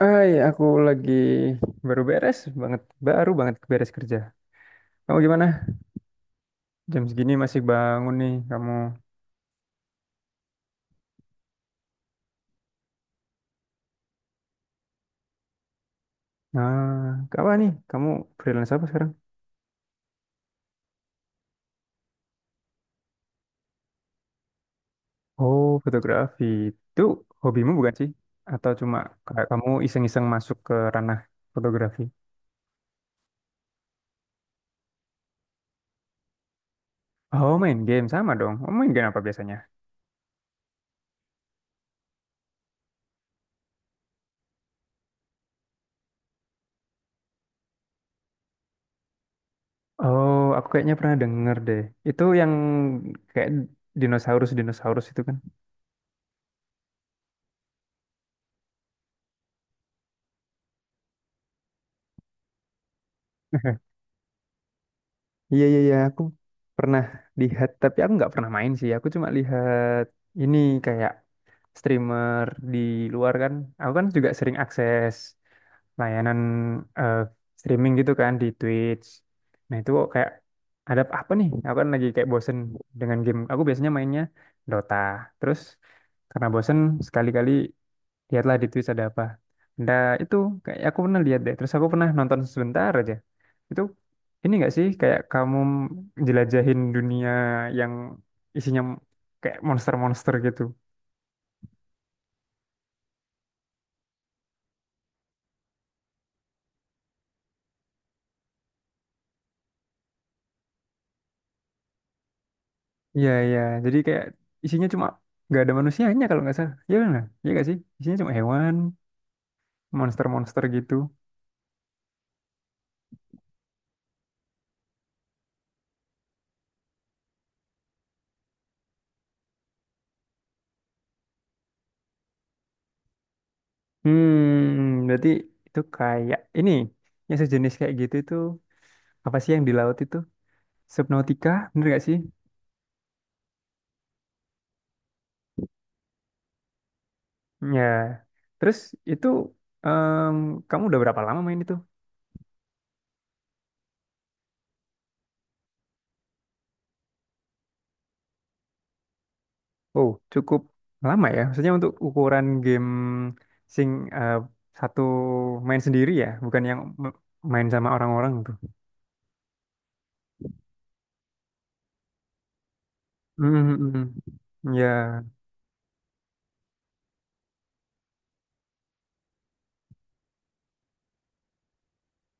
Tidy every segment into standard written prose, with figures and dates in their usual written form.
Hai, aku lagi baru beres banget, baru banget beres kerja. Kamu gimana? Jam segini masih bangun nih kamu. Nah, apa nih? Kamu freelance apa sekarang? Oh, fotografi. Itu hobimu bukan sih? Atau cuma kayak kamu iseng-iseng masuk ke ranah fotografi? Oh, main game sama dong. Oh, main game apa biasanya? Oh, aku kayaknya pernah denger deh. Itu yang kayak dinosaurus-dinosaurus itu kan? Iya iya iya aku pernah lihat tapi aku nggak pernah main sih. Aku cuma lihat ini kayak streamer di luar kan. Aku kan juga sering akses layanan eh, streaming gitu kan di Twitch. Nah itu kok kayak ada apa nih? Aku kan lagi kayak bosen dengan game. Aku biasanya mainnya Dota. Terus karena bosen sekali-kali lihatlah di Twitch ada apa. Nah, itu kayak aku pernah lihat deh. Terus aku pernah nonton sebentar aja. Itu ini nggak sih kayak kamu jelajahin dunia yang isinya kayak monster-monster gitu. Iya, iya. Jadi kayak isinya cuma nggak ada manusianya kalau nggak salah. Iya benar. Iya nggak sih? Isinya cuma hewan, monster-monster gitu. Hmm, berarti itu kayak ini yang sejenis kayak gitu itu apa sih yang di laut itu? Subnautica, bener gak sih? Ya, terus itu em, kamu udah berapa lama main itu? Oh, cukup lama ya. Maksudnya untuk ukuran game sing eh, satu main sendiri ya, bukan yang main sama orang-orang tuh. Hmm, hmm, hmm, hmm. Ya,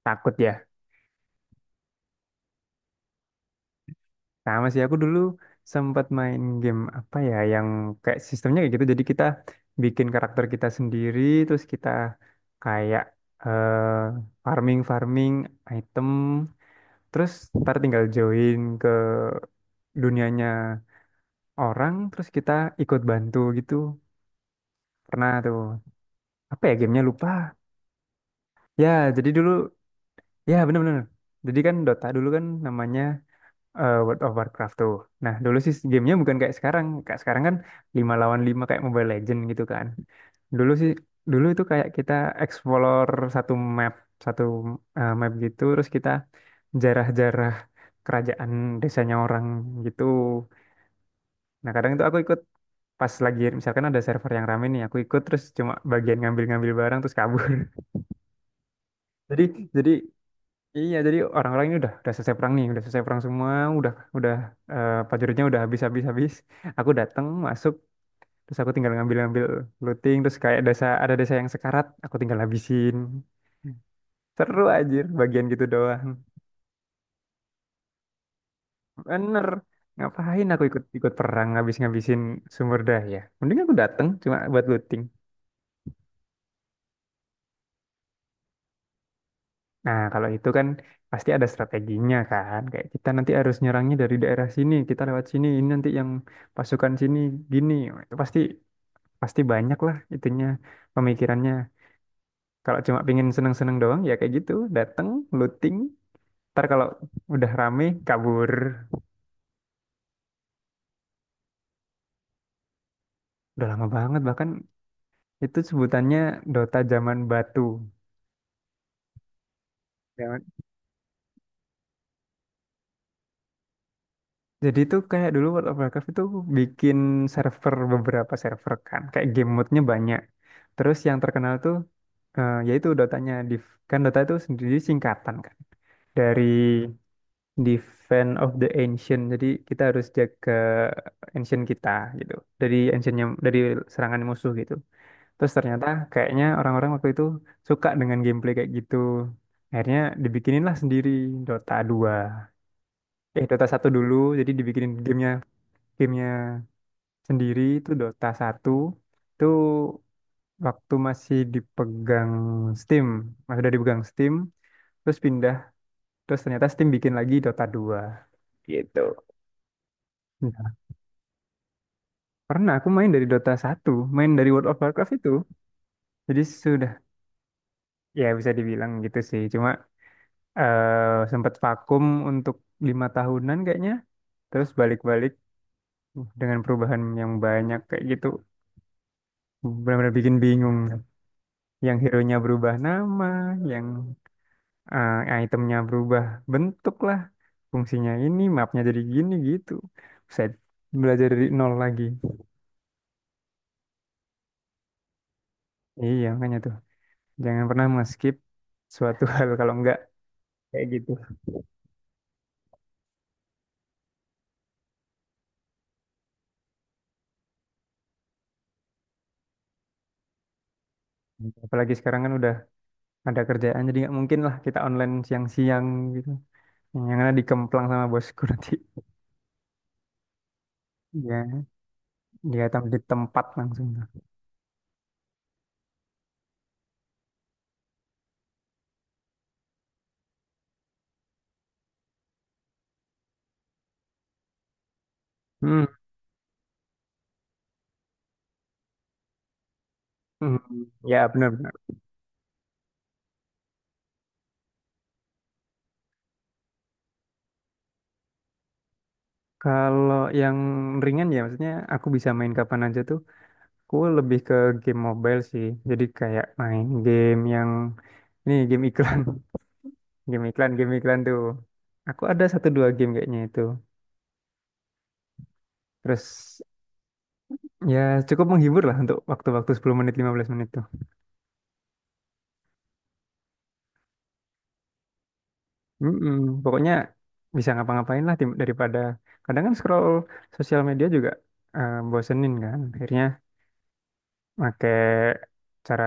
takut ya. Sama sih aku dulu sempat main game apa ya yang kayak sistemnya kayak gitu. Jadi kita bikin karakter kita sendiri, terus kita kayak eh farming farming item. Terus ntar tinggal join ke dunianya orang, terus kita ikut bantu gitu. Pernah tuh. Apa ya gamenya lupa. Ya, jadi dulu, ya bener-bener. Jadi kan Dota dulu kan namanya World of Warcraft tuh. Nah, dulu sih gamenya bukan kayak sekarang. Kayak sekarang kan 5 lawan 5 kayak Mobile Legend gitu kan. Dulu sih, dulu itu kayak kita explore satu map, satu map gitu. Terus kita jarah-jarah kerajaan desanya orang gitu. Nah, kadang itu aku ikut pas lagi misalkan ada server yang rame nih, aku ikut terus cuma bagian ngambil-ngambil barang terus kabur. Jadi jadi iya, jadi orang-orang ini udah selesai perang nih, udah selesai perang semua, udah prajuritnya udah habis-habis habis. Habis. Aku datang masuk terus aku tinggal ngambil-ngambil looting terus kayak desa ada desa yang sekarat, aku tinggal habisin. Seru anjir bagian gitu doang. Bener. Ngapain aku ikut ikut perang habis ngabisin sumber daya? Mending aku datang cuma buat looting. Nah, kalau itu kan pasti ada strateginya kan. Kayak kita nanti harus nyerangnya dari daerah sini, kita lewat sini, ini nanti yang pasukan sini gini. Itu pasti pasti banyak lah itunya pemikirannya. Kalau cuma pingin seneng-seneng doang ya kayak gitu, dateng, looting, ntar kalau udah rame kabur. Udah lama banget bahkan itu sebutannya Dota zaman batu. Ya, jadi itu kayak dulu World of Warcraft itu bikin server beberapa server kan, kayak game mode-nya banyak. Terus yang terkenal tuh yaitu Dotanya Div. Kan Dota itu sendiri singkatan kan dari Defense of the Ancient. Jadi kita harus jaga ancient kita gitu. Dari ancientnya dari serangan musuh gitu. Terus ternyata kayaknya orang-orang waktu itu suka dengan gameplay kayak gitu. Akhirnya dibikinin lah sendiri Dota 2. Eh Dota satu dulu jadi dibikinin gamenya gamenya sendiri itu Dota satu itu waktu masih dipegang Steam, masih udah dipegang Steam, terus pindah, terus ternyata Steam bikin lagi Dota dua, gitu. Nah, pernah aku main dari Dota satu, main dari World of Warcraft itu. Jadi sudah ya bisa dibilang gitu sih. Cuma sempat vakum untuk lima tahunan kayaknya, terus balik-balik dengan perubahan yang banyak kayak gitu. Benar-benar bikin bingung. Yang hero-nya berubah nama, yang itemnya berubah bentuk lah. Fungsinya ini, mapnya jadi gini gitu. Saya belajar dari nol lagi. Iya, makanya tuh. Jangan pernah nge-skip suatu hal kalau enggak kayak gitu. Apalagi sekarang kan udah ada kerjaan, jadi nggak mungkin lah kita online siang-siang gitu. Yang ada dikemplang sama bosku nanti. Ya, dia tam di tempat langsung. Tuh. Hmm, hmm. Ya, benar-benar. Kalau yang ringan ya, maksudnya aku bisa main kapan aja tuh. Aku lebih ke game mobile sih. Jadi kayak main game yang ini game iklan, game iklan tuh. Aku ada satu dua game kayaknya itu. Terus ya cukup menghibur lah untuk waktu-waktu 10 menit 15 menit tuh. Mm-mm. Pokoknya bisa ngapa-ngapain lah daripada kadang kan scroll sosial media juga bosenin kan. Akhirnya pakai cara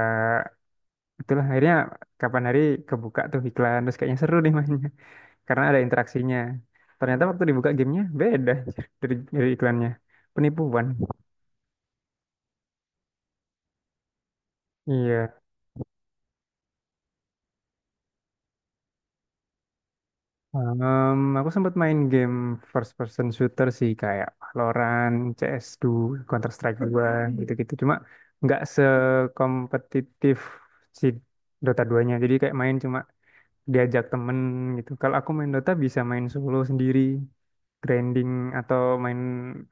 itulah akhirnya kapan hari kebuka tuh iklan terus kayaknya seru nih mainnya. Karena ada interaksinya. Ternyata waktu dibuka gamenya beda dari iklannya. Penipuan. Iya. Aku sempat main game first person shooter sih kayak Valorant, CS2, Counter Strike 2 gitu-gitu. Cuma nggak sekompetitif si Dota 2-nya. Jadi kayak main cuma diajak temen gitu. Kalau aku main Dota bisa main solo sendiri, grinding atau main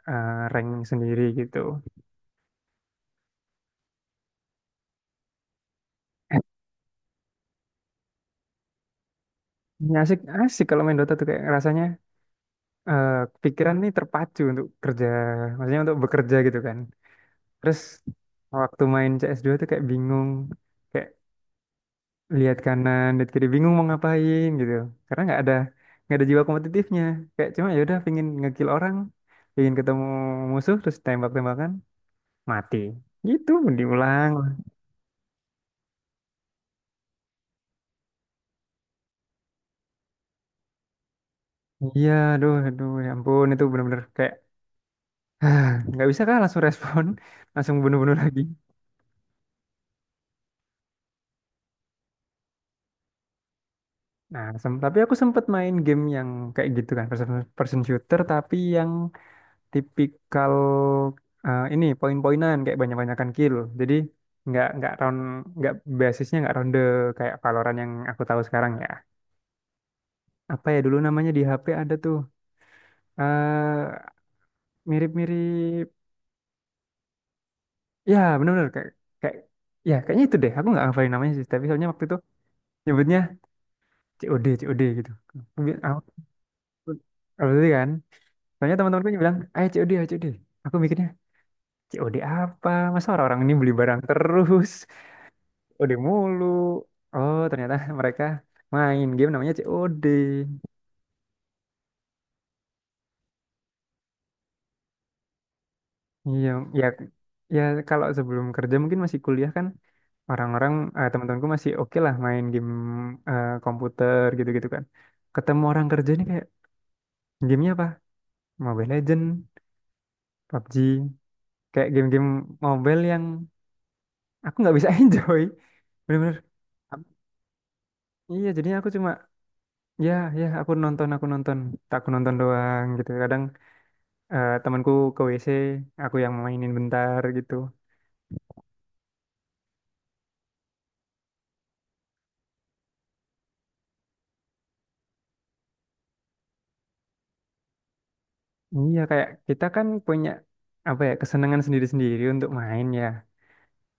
rank sendiri gitu. Eh, Ini asik asik kalau main Dota tuh kayak rasanya eh, pikiran nih terpacu untuk kerja, maksudnya untuk bekerja gitu kan. Terus waktu main CS2 tuh kayak bingung, kayak lihat kanan, lihat kiri, bingung mau ngapain gitu. Karena nggak ada jiwa kompetitifnya. Kayak cuma ya udah pingin ngekill orang, pingin ketemu musuh terus tembak-tembakan, mati. Gitu diulang. Iya, aduh, aduh, ya ampun itu bener-bener kayak nggak bisa kah langsung respon, langsung bunuh-bunuh lagi. Nah, tapi aku sempat main game yang kayak gitu kan, first person shooter, tapi yang tipikal ini poin-poinan kayak banyak-banyakan kill. Jadi nggak round nggak basisnya nggak ronde kayak Valorant yang aku tahu sekarang ya. Apa ya dulu namanya di HP ada tuh eh mirip-mirip, ya benar-benar kayak kayak ya kayaknya itu deh. Aku nggak hafalin namanya sih, tapi soalnya waktu itu nyebutnya COD COD gitu. Aku bi- aku- aku berarti kan? Soalnya teman-temanku juga bilang, ayo COD, ayo COD. Aku mikirnya, COD apa? Masa orang-orang ini beli barang terus? COD mulu. Oh, ternyata mereka main game namanya COD. Iya, ya, ya kalau sebelum kerja mungkin masih kuliah kan, orang-orang, teman-temanku masih oke lah main game komputer gitu-gitu kan. Ketemu orang kerja ini kayak, gamenya apa? Mobile Legend, PUBG, kayak game-game mobile yang aku nggak bisa enjoy. Bener-bener. Iya, jadinya aku cuma ya, ya, aku nonton, aku nonton. Tak aku nonton doang gitu. Kadang temanku ke WC, aku yang mainin bentar gitu. Iya, kayak kita kan punya apa ya, kesenangan sendiri-sendiri untuk main ya.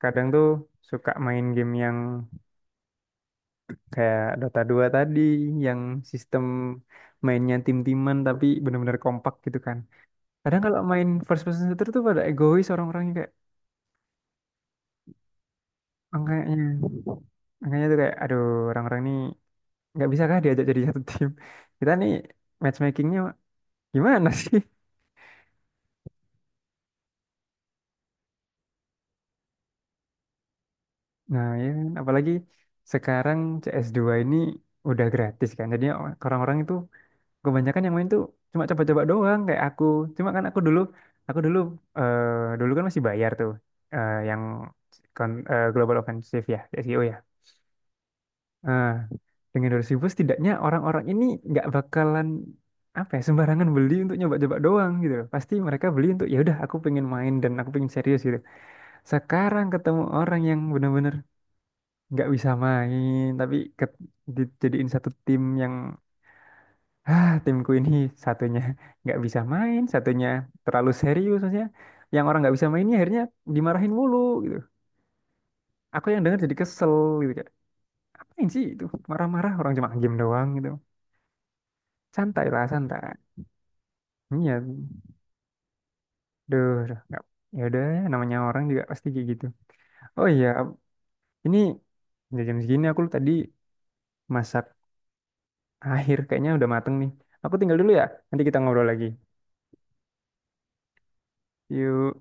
Kadang tuh suka main game yang kayak Dota 2 tadi, yang sistem mainnya tim-timan tapi benar-benar kompak gitu kan. Kadang kalau main first person shooter tuh pada egois orang-orangnya kayak angkanya. Angkanya tuh kayak aduh, orang-orang ini nggak bisa kah diajak jadi satu tim kita nih matchmakingnya gimana sih nah ya kan? Apalagi sekarang CS2 ini udah gratis kan jadi orang-orang itu kebanyakan yang main tuh cuma coba-coba doang kayak aku cuma kan aku dulu eh dulu kan masih bayar tuh yang Global Offensive ya G2O ya nah dengan 200 ribu setidaknya orang-orang ini nggak bakalan apa ya sembarangan beli untuk nyoba-coba doang gitu loh. Pasti mereka beli untuk ya udah aku pengen main dan aku pengen serius gitu. Sekarang ketemu orang yang benar-benar nggak bisa main tapi dijadiin satu tim yang ah timku ini satunya nggak bisa main, satunya terlalu serius maksudnya. Yang orang nggak bisa mainnya akhirnya dimarahin mulu gitu. Aku yang denger jadi kesel gitu kayak apain sih itu marah-marah orang cuma game doang gitu. Santai lah santai iya duh duh, nggak ya udah namanya orang juga pasti kayak gitu. Oh iya, ini udah jam segini aku tadi masak akhir kayaknya udah mateng nih aku tinggal dulu ya nanti kita ngobrol lagi yuk.